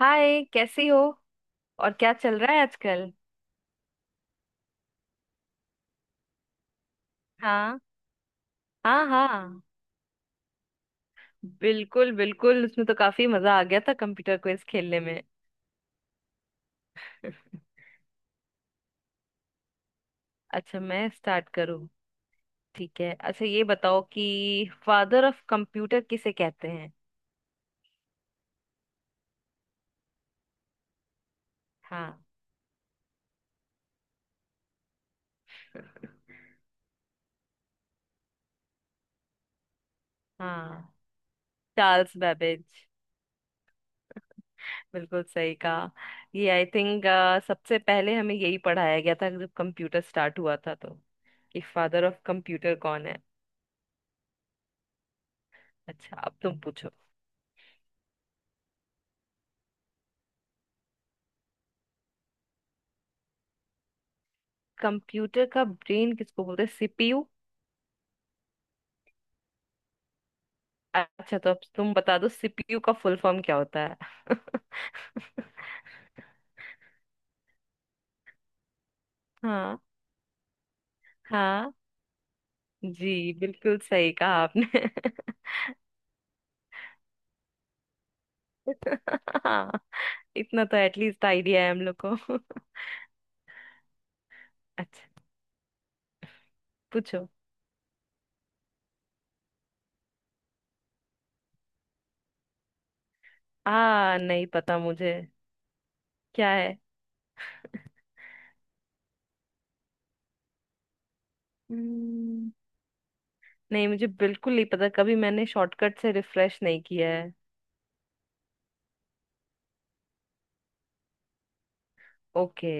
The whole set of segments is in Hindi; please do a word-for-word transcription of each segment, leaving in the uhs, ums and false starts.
हाय, कैसी हो। और क्या चल रहा है आजकल। हाँ। हाँ हाँ बिल्कुल बिल्कुल, उसमें तो काफी मजा आ गया था कंप्यूटर क्विज खेलने में। अच्छा, मैं स्टार्ट करूँ। ठीक है, अच्छा ये बताओ कि फादर ऑफ कंप्यूटर किसे कहते हैं। हाँ। हाँ। Charles Babbage. बिल्कुल सही कहा। ये आई थिंक, सबसे पहले हमें यही पढ़ाया गया था जब कंप्यूटर स्टार्ट हुआ था तो, कि फादर ऑफ कंप्यूटर कौन है। अच्छा अब तुम पूछो। कंप्यूटर का ब्रेन किसको बोलते हैं। C P U. अच्छा तो अब तुम बता दो सी पी यू का फुल फॉर्म क्या होता है। हाँ हाँ जी बिल्कुल सही कहा आपने। हाँ, इतना तो एटलीस्ट आइडिया है हम लोग को। अच्छा, पूछो। आ, नहीं पता मुझे। क्या है। हम्म, नहीं, मुझे बिल्कुल नहीं पता, कभी मैंने शॉर्टकट से रिफ्रेश नहीं किया है। ओके।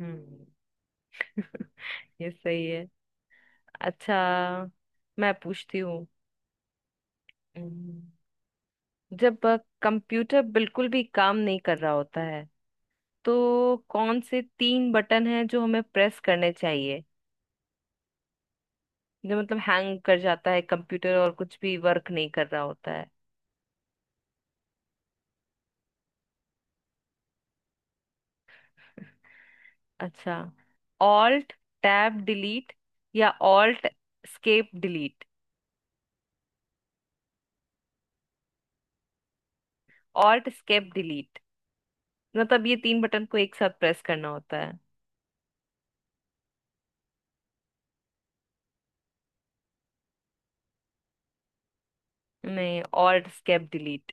हम्म। ये सही है। अच्छा, मैं पूछती हूँ। हम्म, जब अ, कंप्यूटर बिल्कुल भी काम नहीं कर रहा होता है, तो कौन से तीन बटन हैं जो हमें प्रेस करने चाहिए। जो मतलब हैंग कर जाता है कंप्यूटर और कुछ भी वर्क नहीं कर रहा होता है। अच्छा, ऑल्ट टैब डिलीट या alt escape delete. Alt escape delete, मतलब ये तीन बटन को एक साथ प्रेस करना होता है। नहीं, ऑल्ट स्केप डिलीट।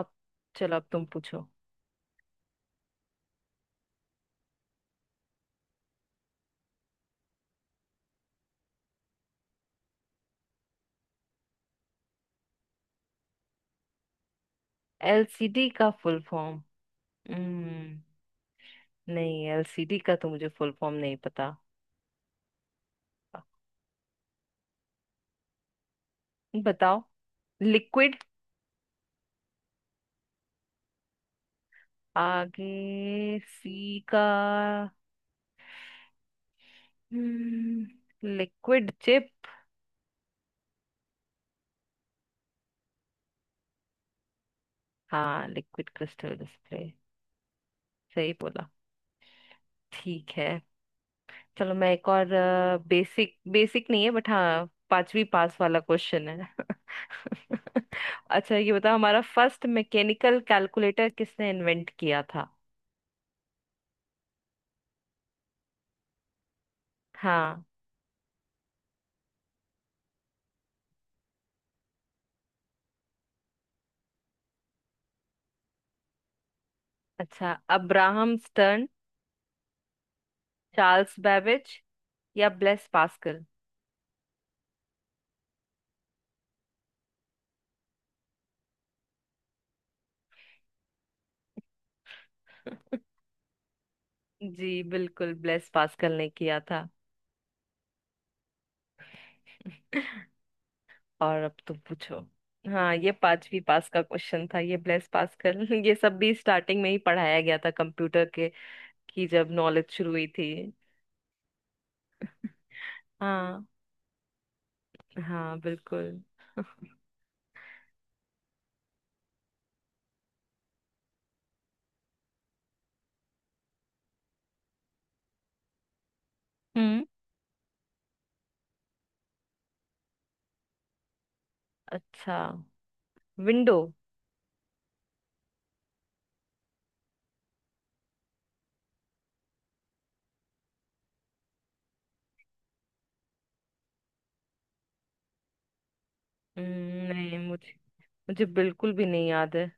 अब चलो अब तुम पूछो। एल सी डी का फुल फॉर्म। हम्म। नहीं, एल सी डी का तो मुझे फुल फॉर्म नहीं पता। बताओ। लिक्विड। आगे सी का, लिक्विड चिप। हाँ, लिक्विड क्रिस्टल डिस्प्ले। सही बोला। ठीक है, चलो मैं एक और, बेसिक बेसिक नहीं है बट हाँ पांचवी पास वाला क्वेश्चन है। अच्छा, ये बताओ हमारा फर्स्ट मैकेनिकल कैलकुलेटर किसने इन्वेंट किया था। हाँ। अच्छा, अब्राहम स्टर्न, चार्ल्स बेबेज या ब्लेस पास्कल। जी बिल्कुल, ब्लेस पास्कल ने किया था। और अब तुम पूछो। हाँ, ये पांचवी पास का क्वेश्चन था ये, ब्लेस पास्कल। ये सब भी स्टार्टिंग में ही पढ़ाया गया था कंप्यूटर के, की जब नॉलेज शुरू हुई थी। हाँ। हाँ बिल्कुल। हम्म। अच्छा, विंडो। नहीं, मुझे मुझे बिल्कुल भी नहीं याद है।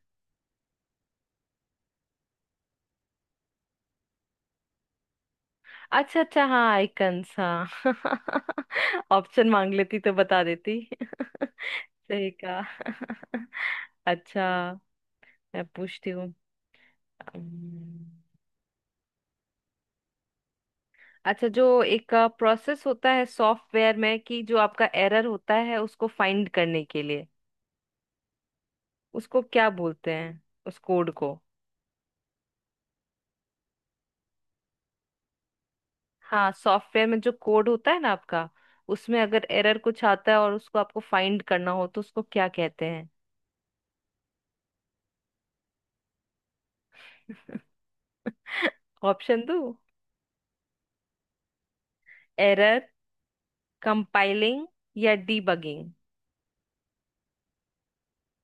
अच्छा अच्छा, हाँ आइकन्स, हाँ। ऑप्शन मांग लेती तो बता देती। सही कहा। अच्छा, मैं पूछती हूँ। अम्म, अच्छा, जो एक प्रोसेस होता है सॉफ्टवेयर में कि जो आपका एरर होता है उसको फाइंड करने के लिए, उसको क्या बोलते हैं, उस कोड को। हाँ, सॉफ्टवेयर में जो कोड होता है ना आपका, उसमें अगर एरर कुछ आता है और उसको आपको फाइंड करना हो तो उसको क्या कहते हैं। ऑप्शन दो। एरर कंपाइलिंग या डीबगिंग।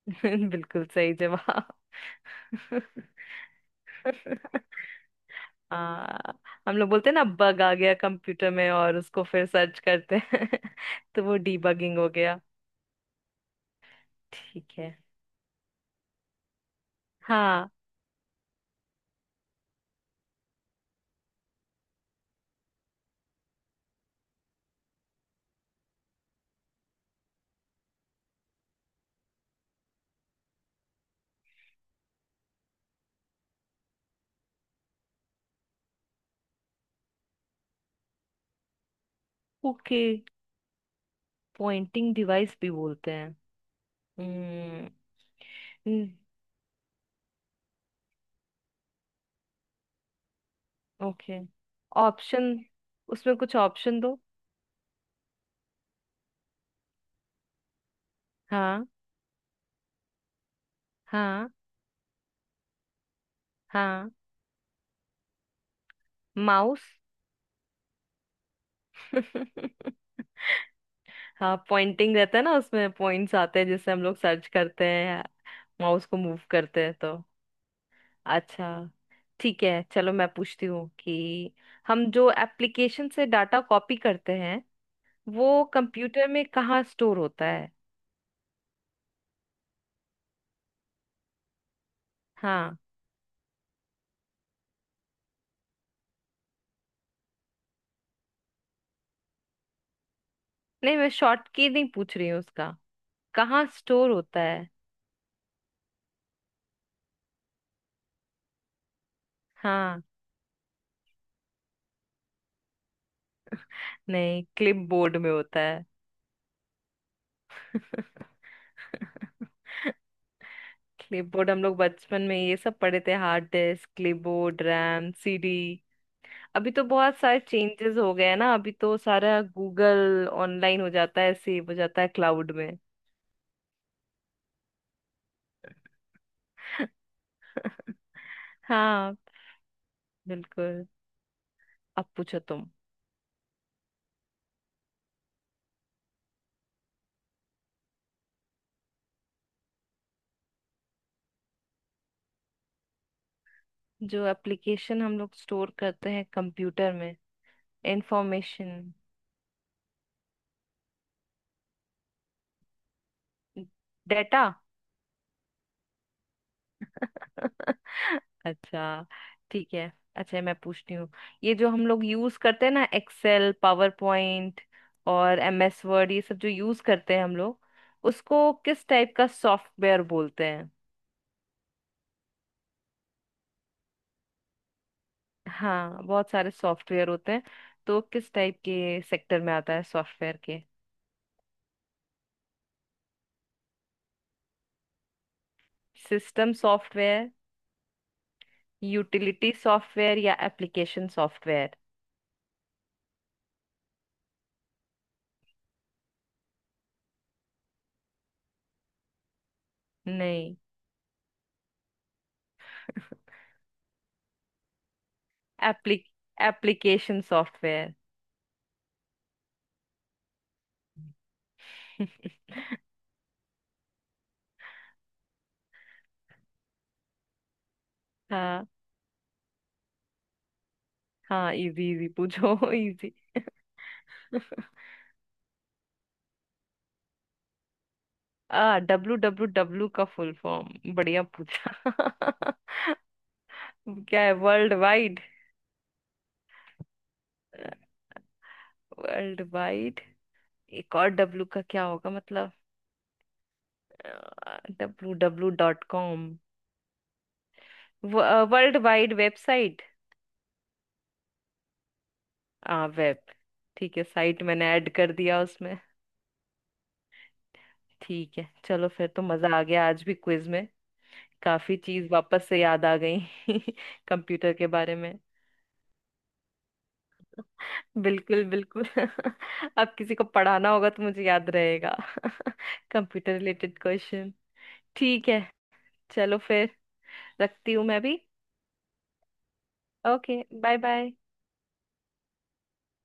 बिल्कुल सही जवाब। हाँ, हम लोग बोलते हैं ना बग आ गया कंप्यूटर में और उसको फिर सर्च करते हैं। तो वो डीबगिंग हो गया। ठीक है। हाँ। ओके। पॉइंटिंग डिवाइस भी बोलते हैं। हम्म। हम्म, ओके। ऑप्शन, उसमें कुछ ऑप्शन दो। हाँ। हाँ। हाँ। माउस। हाँ, पॉइंटिंग रहता है ना उसमें, पॉइंट्स आते हैं जिससे हम लोग सर्च करते हैं, माउस को मूव करते हैं तो। अच्छा, ठीक है चलो मैं पूछती हूँ कि हम जो एप्लीकेशन से डाटा कॉपी करते हैं, वो कंप्यूटर में कहाँ स्टोर होता है। हाँ। नहीं, मैं शॉर्ट की नहीं पूछ रही हूँ उसका, कहाँ स्टोर होता है। हाँ। नहीं, क्लिपबोर्ड में होता है। क्लिपबोर्ड, हम लोग बचपन में ये सब पढ़े थे, hard disk, clipboard, RAM, CD. अभी तो बहुत सारे चेंजेस हो गए हैं ना, अभी तो सारा गूगल ऑनलाइन हो जाता है, सेव हो जाता है क्लाउड में। हाँ बिल्कुल। अब पूछो तुम। जो एप्लीकेशन हम लोग स्टोर करते हैं कंप्यूटर में, इंफॉर्मेशन। डेटा। अच्छा, ठीक है। अच्छा, मैं पूछती हूँ, ये जो हम लोग यूज करते हैं ना एक्सेल, पावर पॉइंट और एम एस वर्ड, ये सब जो यूज करते हैं हम लोग, उसको किस टाइप का सॉफ्टवेयर बोलते हैं। हाँ, बहुत सारे सॉफ्टवेयर होते हैं, तो किस टाइप के सेक्टर में आता है सॉफ्टवेयर के। सिस्टम सॉफ्टवेयर, यूटिलिटी सॉफ्टवेयर या एप्लीकेशन सॉफ्टवेयर। नहीं, एप्ली एप्लीकेशन सॉफ्टवेयर। हाँ, हाँ इजी इजी पूछो। इजी। आ, डब्लू डब्लू डब्लू का फुल फॉर्म, बढ़िया पूछा। क्या है, वर्ल्ड वाइड। वर्ल्ड वाइड, एक और डब्लू का क्या होगा मतलब, W W dot com. World wide website. आ, वेब। ठीक है, साइट मैंने ऐड कर दिया उसमें। ठीक है, चलो फिर तो मजा आ गया आज भी क्विज में। काफी चीज वापस से याद आ गई। कंप्यूटर के बारे में। बिल्कुल बिल्कुल। अब किसी को पढ़ाना होगा तो मुझे याद रहेगा। Computer related question. ठीक है, चलो फिर, रखती हूँ मैं भी। Okay, bye bye.